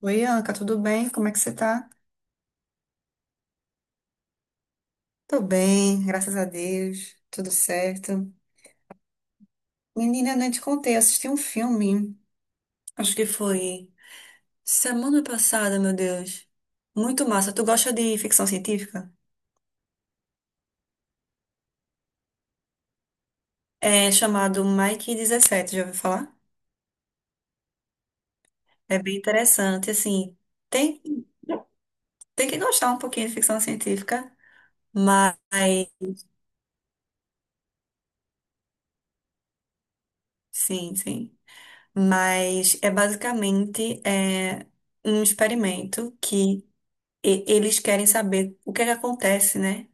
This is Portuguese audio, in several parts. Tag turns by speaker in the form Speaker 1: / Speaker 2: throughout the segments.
Speaker 1: Oi, Anca, tudo bem? Como é que você tá? Tô bem, graças a Deus, tudo certo. Menina, eu nem te contei, eu assisti um filme, acho que foi semana passada, meu Deus. Muito massa. Tu gosta de ficção científica? É chamado Mike 17. Já ouviu falar? É bem interessante, assim. Tem, tem que gostar um pouquinho de ficção científica, mas sim, sim. Mas é basicamente um experimento que eles querem saber o que é que acontece, né?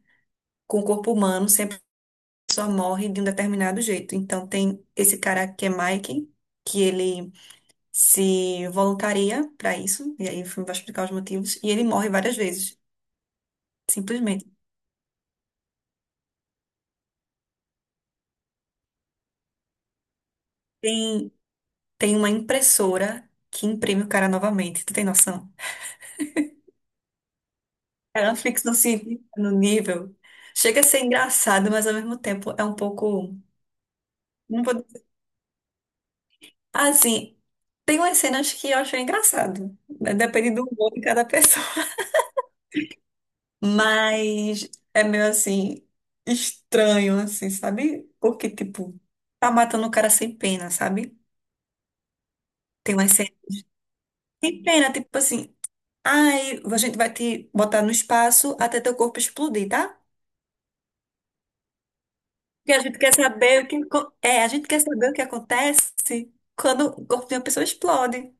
Speaker 1: Com o corpo humano, sempre a pessoa morre de um determinado jeito. Então, tem esse cara que é Mike, que ele se voluntaria para isso, e aí o filme vai explicar os motivos, e ele morre várias vezes, simplesmente. Tem, tem uma impressora que imprime o cara novamente, tu tem noção? É uma ficção científica no nível. Chega a ser engraçado, mas ao mesmo tempo é um pouco. Não vou Assim, tem umas cenas que eu acho engraçado, né? Depende do humor de cada pessoa. Mas é meio assim, estranho, assim, sabe? Porque, tipo, tá matando o cara sem pena, sabe? Tem umas cenas sem pena, tipo assim, ai, a gente vai te botar no espaço até teu corpo explodir, tá? Porque a gente quer saber o que acontece quando o corpo de uma pessoa explode.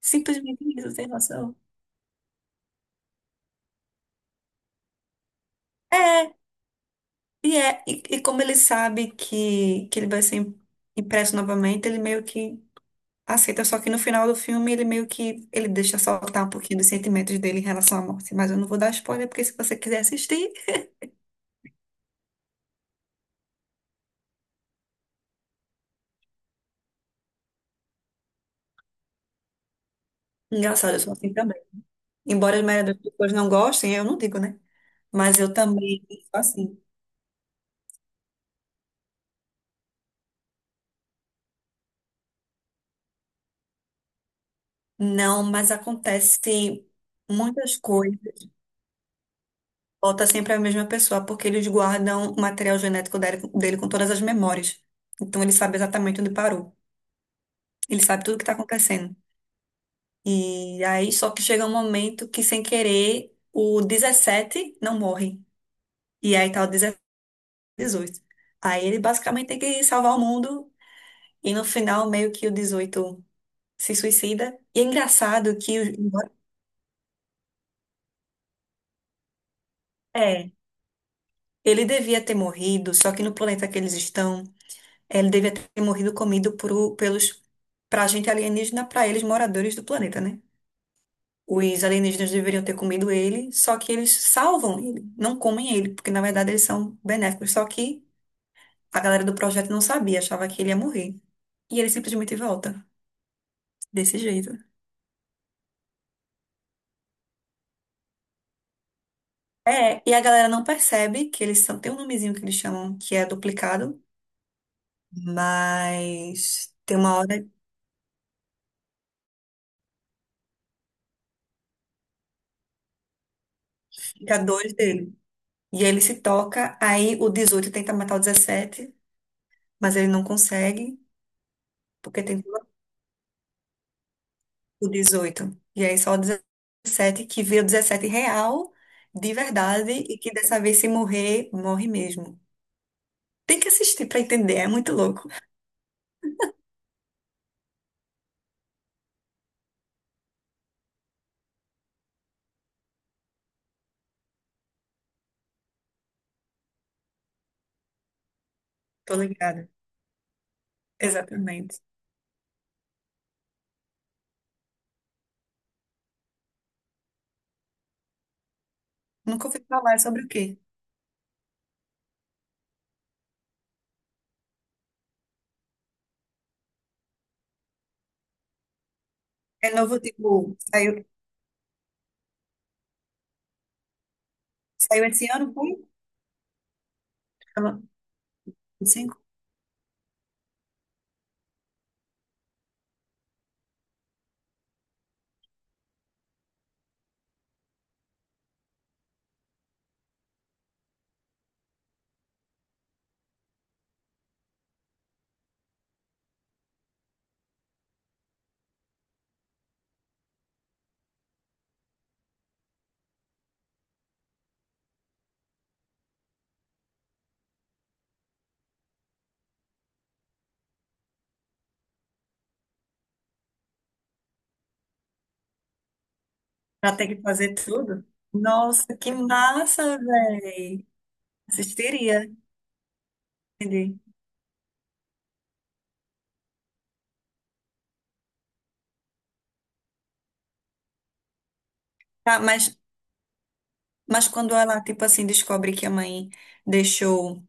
Speaker 1: Simplesmente isso, sem noção. É, e como ele sabe que ele vai ser impresso novamente, ele meio que aceita, só que no final do filme ele meio que ele deixa soltar um pouquinho dos sentimentos dele em relação à morte. Mas eu não vou dar spoiler, porque se você quiser assistir. Engraçado, eu sou assim também. Embora as maioria das pessoas não gostem, eu não digo, né? Mas eu também sou assim. Não, mas acontece muitas coisas. Volta sempre a mesma pessoa, porque eles guardam o material genético dele com todas as memórias. Então ele sabe exatamente onde parou. Ele sabe tudo o que está acontecendo. E aí, só que chega um momento que, sem querer, o 17 não morre. E aí tá o 18. Aí ele basicamente tem que salvar o mundo. E no final, meio que o 18 se suicida. E é engraçado que. É, ele devia ter morrido, só que no planeta que eles estão, ele devia ter morrido comido por, pelos. Pra gente alienígena, pra eles moradores do planeta, né? Os alienígenas deveriam ter comido ele, só que eles salvam ele, não comem ele, porque na verdade eles são benéficos. Só que a galera do projeto não sabia, achava que ele ia morrer. E ele simplesmente volta, desse jeito. É, e a galera não percebe que eles são. Tem um nomezinho que eles chamam que é duplicado, mas tem uma hora que fica dois dele. E ele se toca, aí o 18 tenta matar o 17, mas ele não consegue, porque tem. O 18 E aí só o 17, que vira 17 real, de verdade, e que dessa vez se morrer, morre mesmo. Tem que assistir pra entender, é muito louco. Tô ligada. Exatamente. Nunca ouvi falar sobre o quê? É novo, tipo, saiu esse ano, foi? Ela- Cinco? Pra ter que fazer tudo? Nossa, que massa, véi. Assistiria. Entendi. Tá, mas quando ela, tipo assim, descobre que a mãe deixou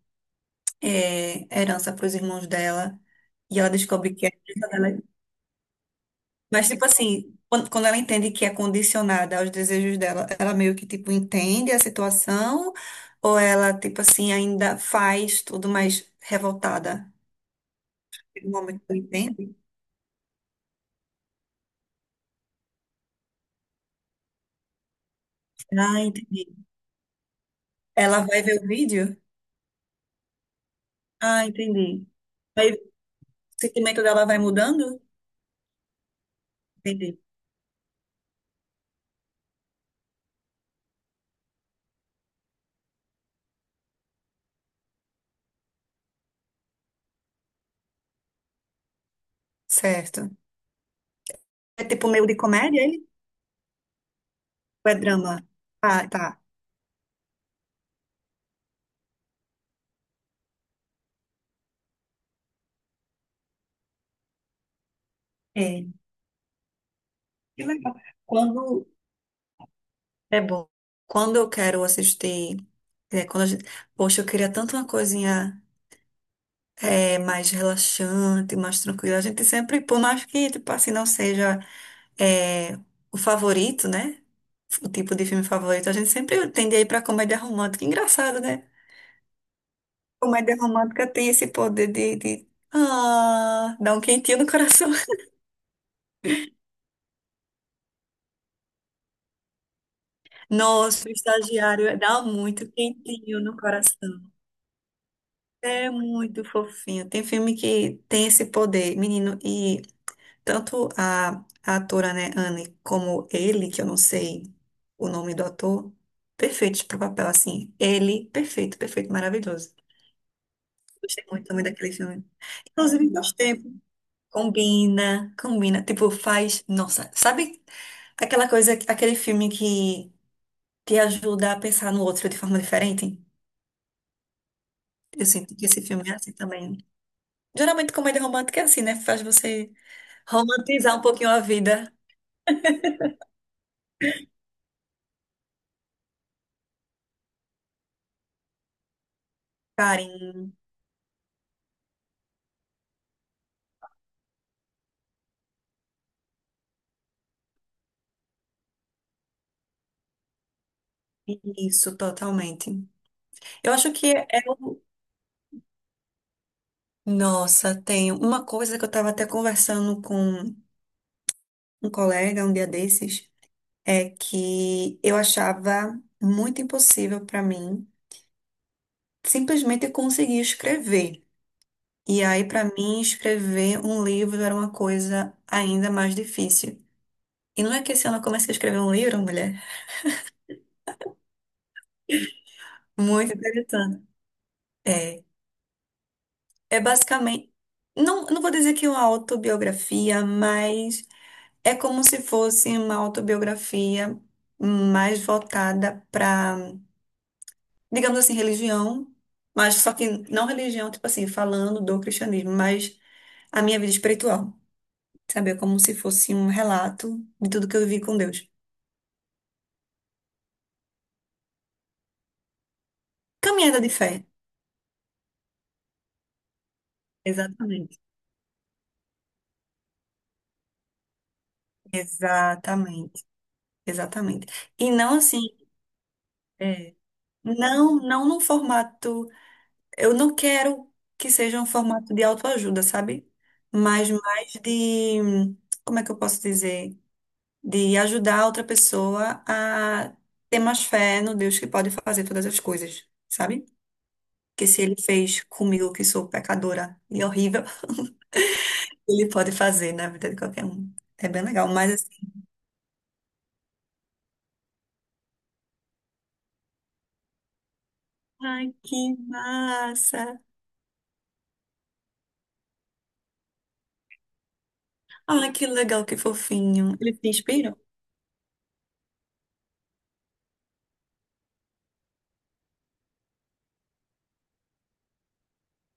Speaker 1: é, herança para os irmãos dela e ela descobre que é herança dela. Mas, tipo assim, quando, quando ela entende que é condicionada aos desejos dela, ela meio que, tipo, entende a situação ou ela, tipo assim, ainda faz tudo mais revoltada? No momento que ela entende? Ah, entendi. Ela vai ver o vídeo? Ah, entendi. Aí o sentimento dela vai mudando? Entendi. Certo. É tipo meio de comédia, ele? Ou é drama? Ah, tá. É. Que legal. Quando É bom. Quando eu quero assistir, quando a gente, poxa, eu queria tanto uma coisinha mais relaxante, mais tranquila. A gente sempre, por mais que, tipo assim, não seja é, o favorito, né? O tipo de filme favorito, a gente sempre tende a ir pra comédia romântica. Engraçado, né? Comédia romântica tem esse poder de ah, dar um quentinho no coração. Nossa, o estagiário dá muito quentinho no coração. É muito fofinho. Tem filme que tem esse poder, menino, e tanto a atora, né, Anne, como ele, que eu não sei o nome do ator, perfeitos pro papel, assim. Ele, perfeito, perfeito, maravilhoso. Gostei muito também daquele filme. Inclusive, faz tempo. Combina, combina. Tipo, faz. Nossa, sabe aquela coisa, aquele filme que te ajuda a pensar no outro de forma diferente? Eu sinto que esse filme é assim também. Geralmente, comédia romântica é assim, né? Faz você. Romantizar um pouquinho a vida, carinho. Isso, totalmente. Eu acho que é o. Nossa, tem uma coisa que eu estava até conversando com um colega um dia desses, é que eu achava muito impossível para mim simplesmente conseguir escrever. E aí, para mim, escrever um livro era uma coisa ainda mais difícil. E não é que esse ano eu comecei a escrever um livro, mulher? Muito interessante. É, É basicamente, não, não vou dizer que é uma autobiografia, mas é como se fosse uma autobiografia mais voltada para, digamos assim, religião, mas só que não religião, tipo assim, falando do cristianismo, mas a minha vida espiritual, sabe? É como se fosse um relato de tudo que eu vivi com Deus. Caminhada de fé. Exatamente. Exatamente, exatamente. E não assim, é, não, não num formato. Eu não quero que seja um formato de autoajuda, sabe? Mas mais de, como é que eu posso dizer? De ajudar a outra pessoa a ter mais fé no Deus que pode fazer todas as coisas, sabe? Que se ele fez comigo, que sou pecadora e horrível, ele pode fazer na vida de qualquer um. É bem legal, mas assim, ai, que massa! Ai, que legal, que fofinho. Ele se inspirou?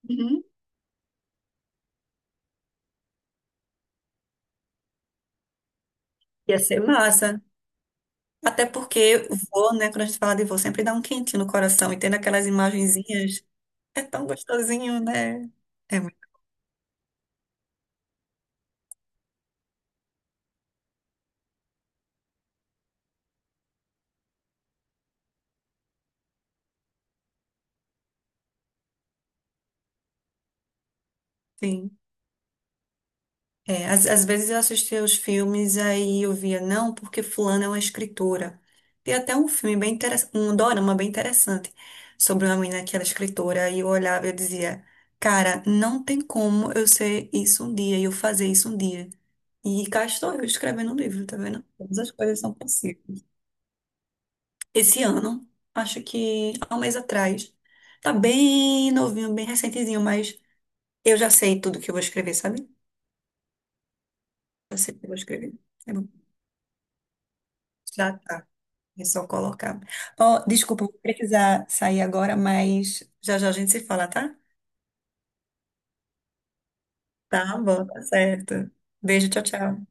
Speaker 1: Uhum. Ia ser massa. Até porque vô, né? Quando a gente fala de vô, sempre dá um quentinho no coração. E tendo aquelas imagenzinhas, é tão gostosinho, né? É muito sim. É, às, às vezes eu assistia os filmes, aí eu via, não, porque fulana é uma escritora. Tem até um filme bem interessante, um dorama bem interessante, sobre uma menina que era escritora, e eu olhava e eu dizia, cara, não tem como eu ser isso um dia, e eu fazer isso um dia. E cá estou eu escrevendo um livro, tá vendo? Todas as coisas são possíveis. Esse ano, acho que há um mês atrás. Tá bem novinho, bem recentezinho, mas eu já sei tudo que eu vou escrever, sabe? Eu sei o que eu vou escrever. É bom. Já tá. É só colocar. Ó, desculpa, vou precisar sair agora, mas já já a gente se fala, tá? Tá bom, tá certo. Beijo, tchau, tchau.